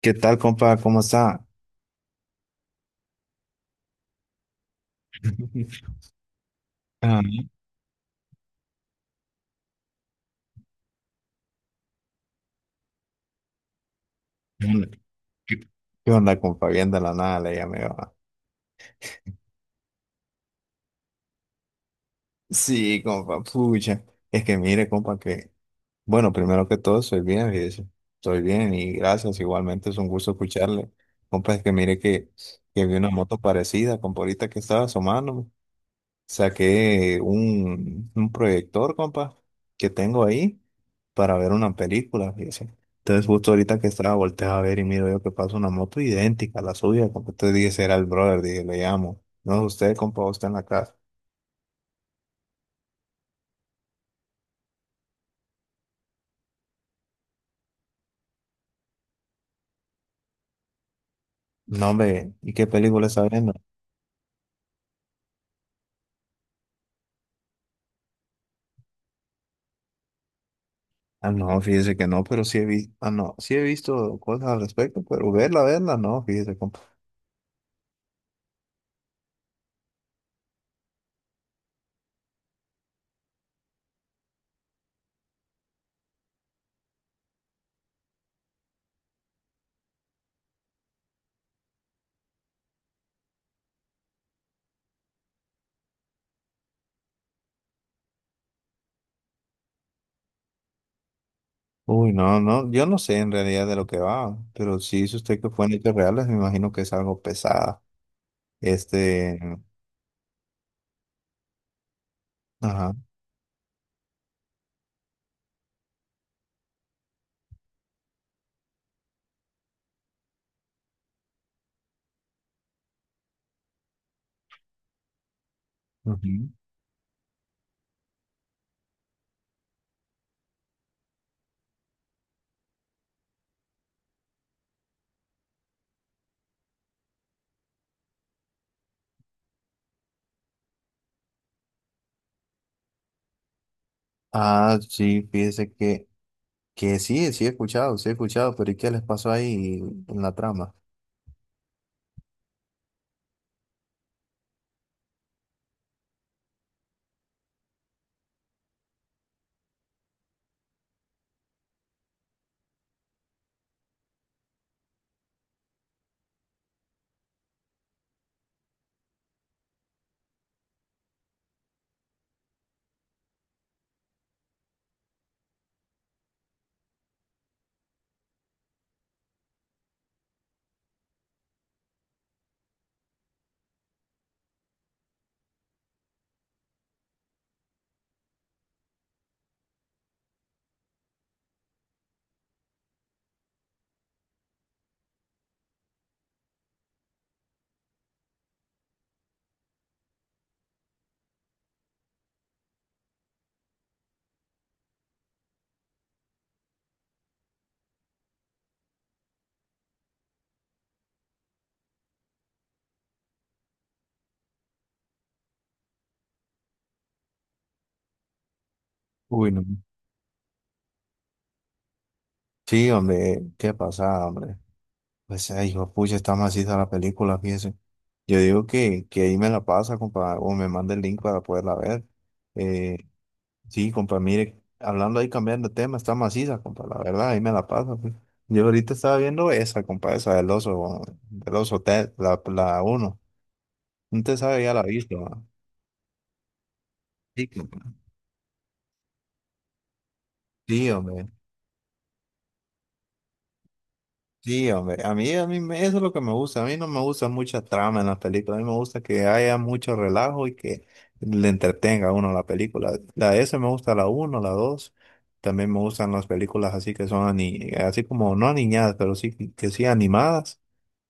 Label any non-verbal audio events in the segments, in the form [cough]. ¿Qué tal, compa? ¿Cómo está? [laughs] Ah, ¿Qué onda, ¿Qué- qué onda, compa? Bien, de la nada le llamé, va. Sí, compa, pucha. Es que mire, compa, que... Bueno, primero que todo, estoy bien, fíjese. Estoy bien, y gracias. Igualmente es un gusto escucharle. Compa, es que mire que vi una moto parecida, compa, ahorita que estaba asomando. Saqué un proyector, compa, que tengo ahí para ver una película, fíjese. Entonces, justo ahorita que estaba, volteé a ver y miro yo que pasa una moto idéntica a la suya, compa. Entonces dije, será el brother, dije, le llamo. No, usted, compa, ¿usted está en la casa? No, hombre, ¿y qué película está viendo? Ah, no, fíjese que no, pero sí he visto, ah, no, sí he visto cosas al respecto, pero verla, verla, no, fíjese, compa. Uy, no, no, yo no sé en realidad de lo que va, pero sí, si dice usted que fue en hechos reales, me imagino que es algo pesado. Este, ajá. Ujú. Ah, sí, fíjese que sí, sí he escuchado, pero ¿y qué les pasó ahí en la trama? Uy, no. Sí, hombre, ¿qué pasa, hombre? Pues, ay, hijo, pucha, está maciza la película, fíjese. Yo digo que ahí me la pasa, compa, o me manda el link para poderla ver. Eh, sí, compa, mire, hablando ahí, cambiando de tema, está maciza, compa, la verdad, ahí me la pasa, pues. Yo ahorita estaba viendo esa, compa, esa del oso, Ted, la uno. No te sabe ya la vista, va. Sí, compa. Sí, hombre. Sí, hombre. A mí, eso es lo que me gusta. A mí no me gusta mucha trama en las películas. A mí me gusta que haya mucho relajo y que le entretenga a uno la película. La S me gusta la uno, la dos. También me gustan las películas así que son así como no aniñadas, pero sí que sí animadas.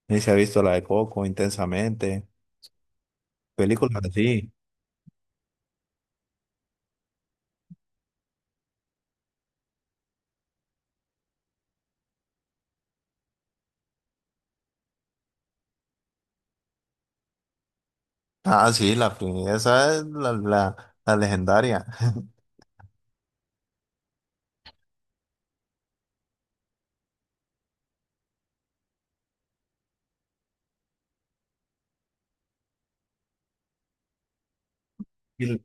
Ahí se ha visto la de Coco, Intensamente. Películas así. Ah, sí, la, esa es la, la legendaria. [laughs] Y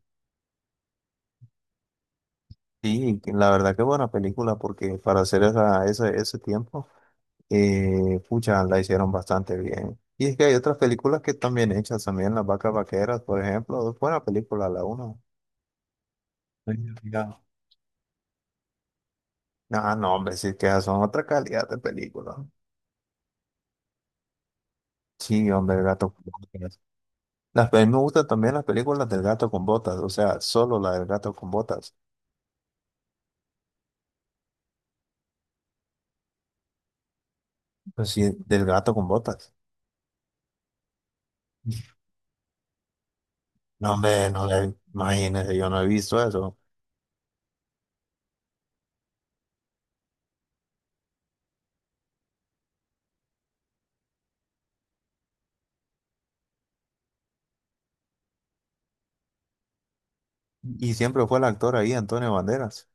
Sí, que la verdad que buena película porque para hacer esa, ese tiempo, pucha, la hicieron bastante bien. Y es que hay otras películas que están bien hechas también, Las Vacas Vaqueras, por ejemplo, buena película la uno. Ahí me… Ah, no, hombre, sí que esas son otra calidad de película. Sí, hombre, el gato con botas. Me gustan también las películas del gato con botas, o sea, solo la del gato con botas. Pues sí, del gato con botas. No, hombre, no le, imagínese, yo no he visto eso. Y siempre fue el actor ahí, Antonio Banderas.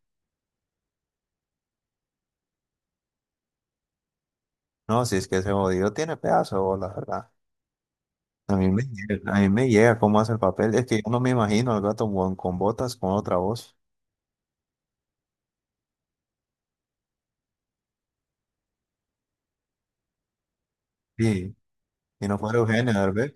No, si es que ese jodido tiene pedazo de bola, ¿verdad? A mí me llega, a mí me llega cómo hace el papel. Es que yo no me imagino al gato con botas, con otra voz. Sí, y no fuera Eugenio Derbez.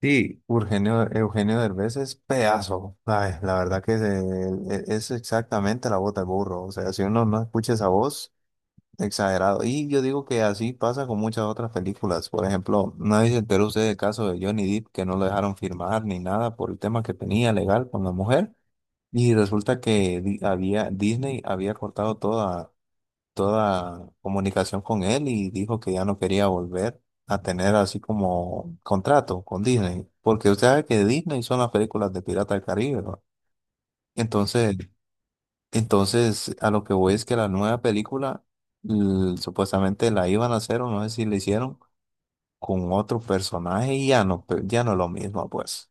Sí, Eugenio, Eugenio Derbez es pedazo. Ay, la verdad que es, es exactamente la bota del burro. O sea, si uno no escucha esa voz… Exagerado. Y yo digo que así pasa con muchas otras películas. Por ejemplo, ¿no se enteró usted el caso de Johnny Depp, que no lo dejaron firmar ni nada por el tema que tenía legal con la mujer? Y resulta que había, Disney había cortado toda, toda comunicación con él, y dijo que ya no quería volver a tener así como contrato con Disney. Porque usted sabe que Disney son las películas de Pirata del Caribe, ¿no? Entonces, entonces, a lo que voy es que la nueva película supuestamente la iban a hacer, o no sé si la hicieron, con otro personaje, y ya no, ya no es lo mismo, pues.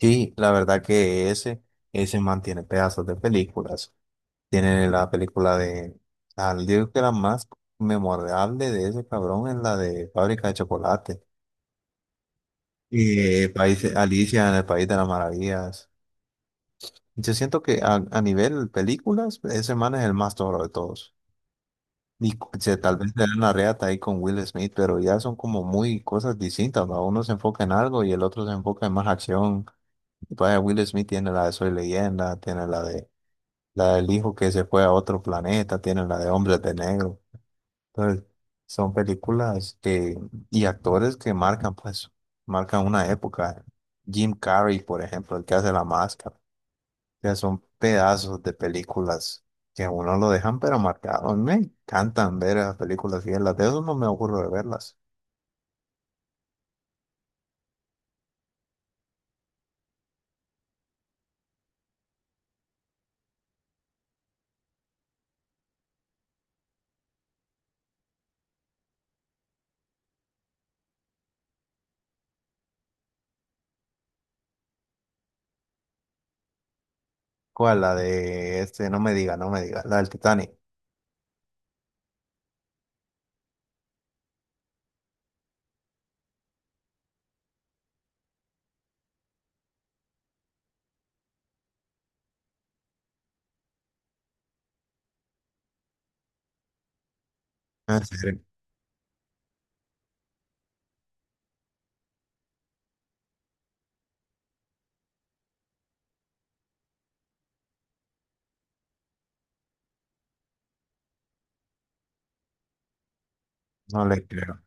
Sí, la verdad que ese mantiene pedazos de películas. Tiene la película de, al digo que la más memorable de ese cabrón es la de Fábrica de Chocolate. Alicia en el País de las Maravillas. Yo siento que a nivel películas, ese man es el más toro de todos. Y tal vez le dan la reata ahí con Will Smith, pero ya son como muy cosas distintas, ¿va? Uno se enfoca en algo y el otro se enfoca en más acción. Y pues, Will Smith tiene la de Soy Leyenda, tiene la de la del hijo que se fue a otro planeta, tiene la de Hombres de Negro. Entonces, son películas que, y actores que marcan, pues, marcan una época. Jim Carrey, por ejemplo, el que hace La Máscara, sea, son pedazos de películas que a uno lo dejan pero marcado. A mí me encantan ver las películas y las de eso no me ocurre de verlas. ¿Cuál? La de este, no me diga, no me diga, la del Titanic. ¿En serio? No le creo.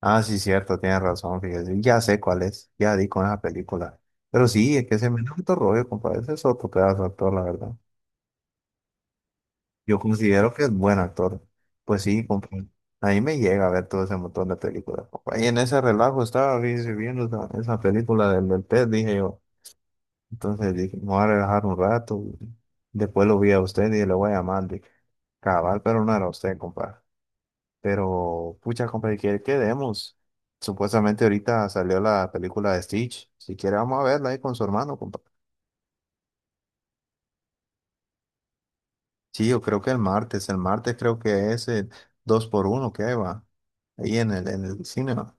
Ah, sí, cierto, tienes razón, fíjese. Ya sé cuál es, ya di con esa película. Pero sí, es que se me da otro rollo, compadre. Ese es otro pedazo de actor, la verdad. Yo considero que es buen actor. Pues sí, compa, ahí me llega a ver todo ese montón de películas, compa. Y en ese relajo estaba viendo esa, esa película del, del pez, dije yo. Entonces dije, me voy a relajar un rato. Después lo vi a usted y le voy a llamar. Dije, cabal, pero no era usted, compa. Pero, pucha, compa, que quedemos? Supuestamente ahorita salió la película de Stitch. Si quiere, vamos a verla ahí con su hermano, compa. Sí, yo creo que el martes creo que es el 2 por uno que va ahí en el cine, va.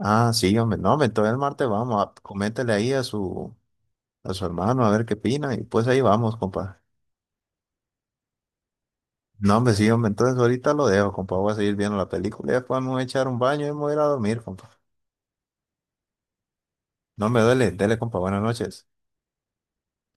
Ah, sí, hombre, no, hombre, entonces el martes vamos, a, coméntele ahí a su hermano a ver qué opina, y pues ahí vamos, compa. No, hombre, sí, hombre, entonces ahorita lo dejo, compa, voy a seguir viendo la película y después me voy a echar un baño y me voy a ir a dormir, compa. No, hombre, dele, dele, compa, buenas noches.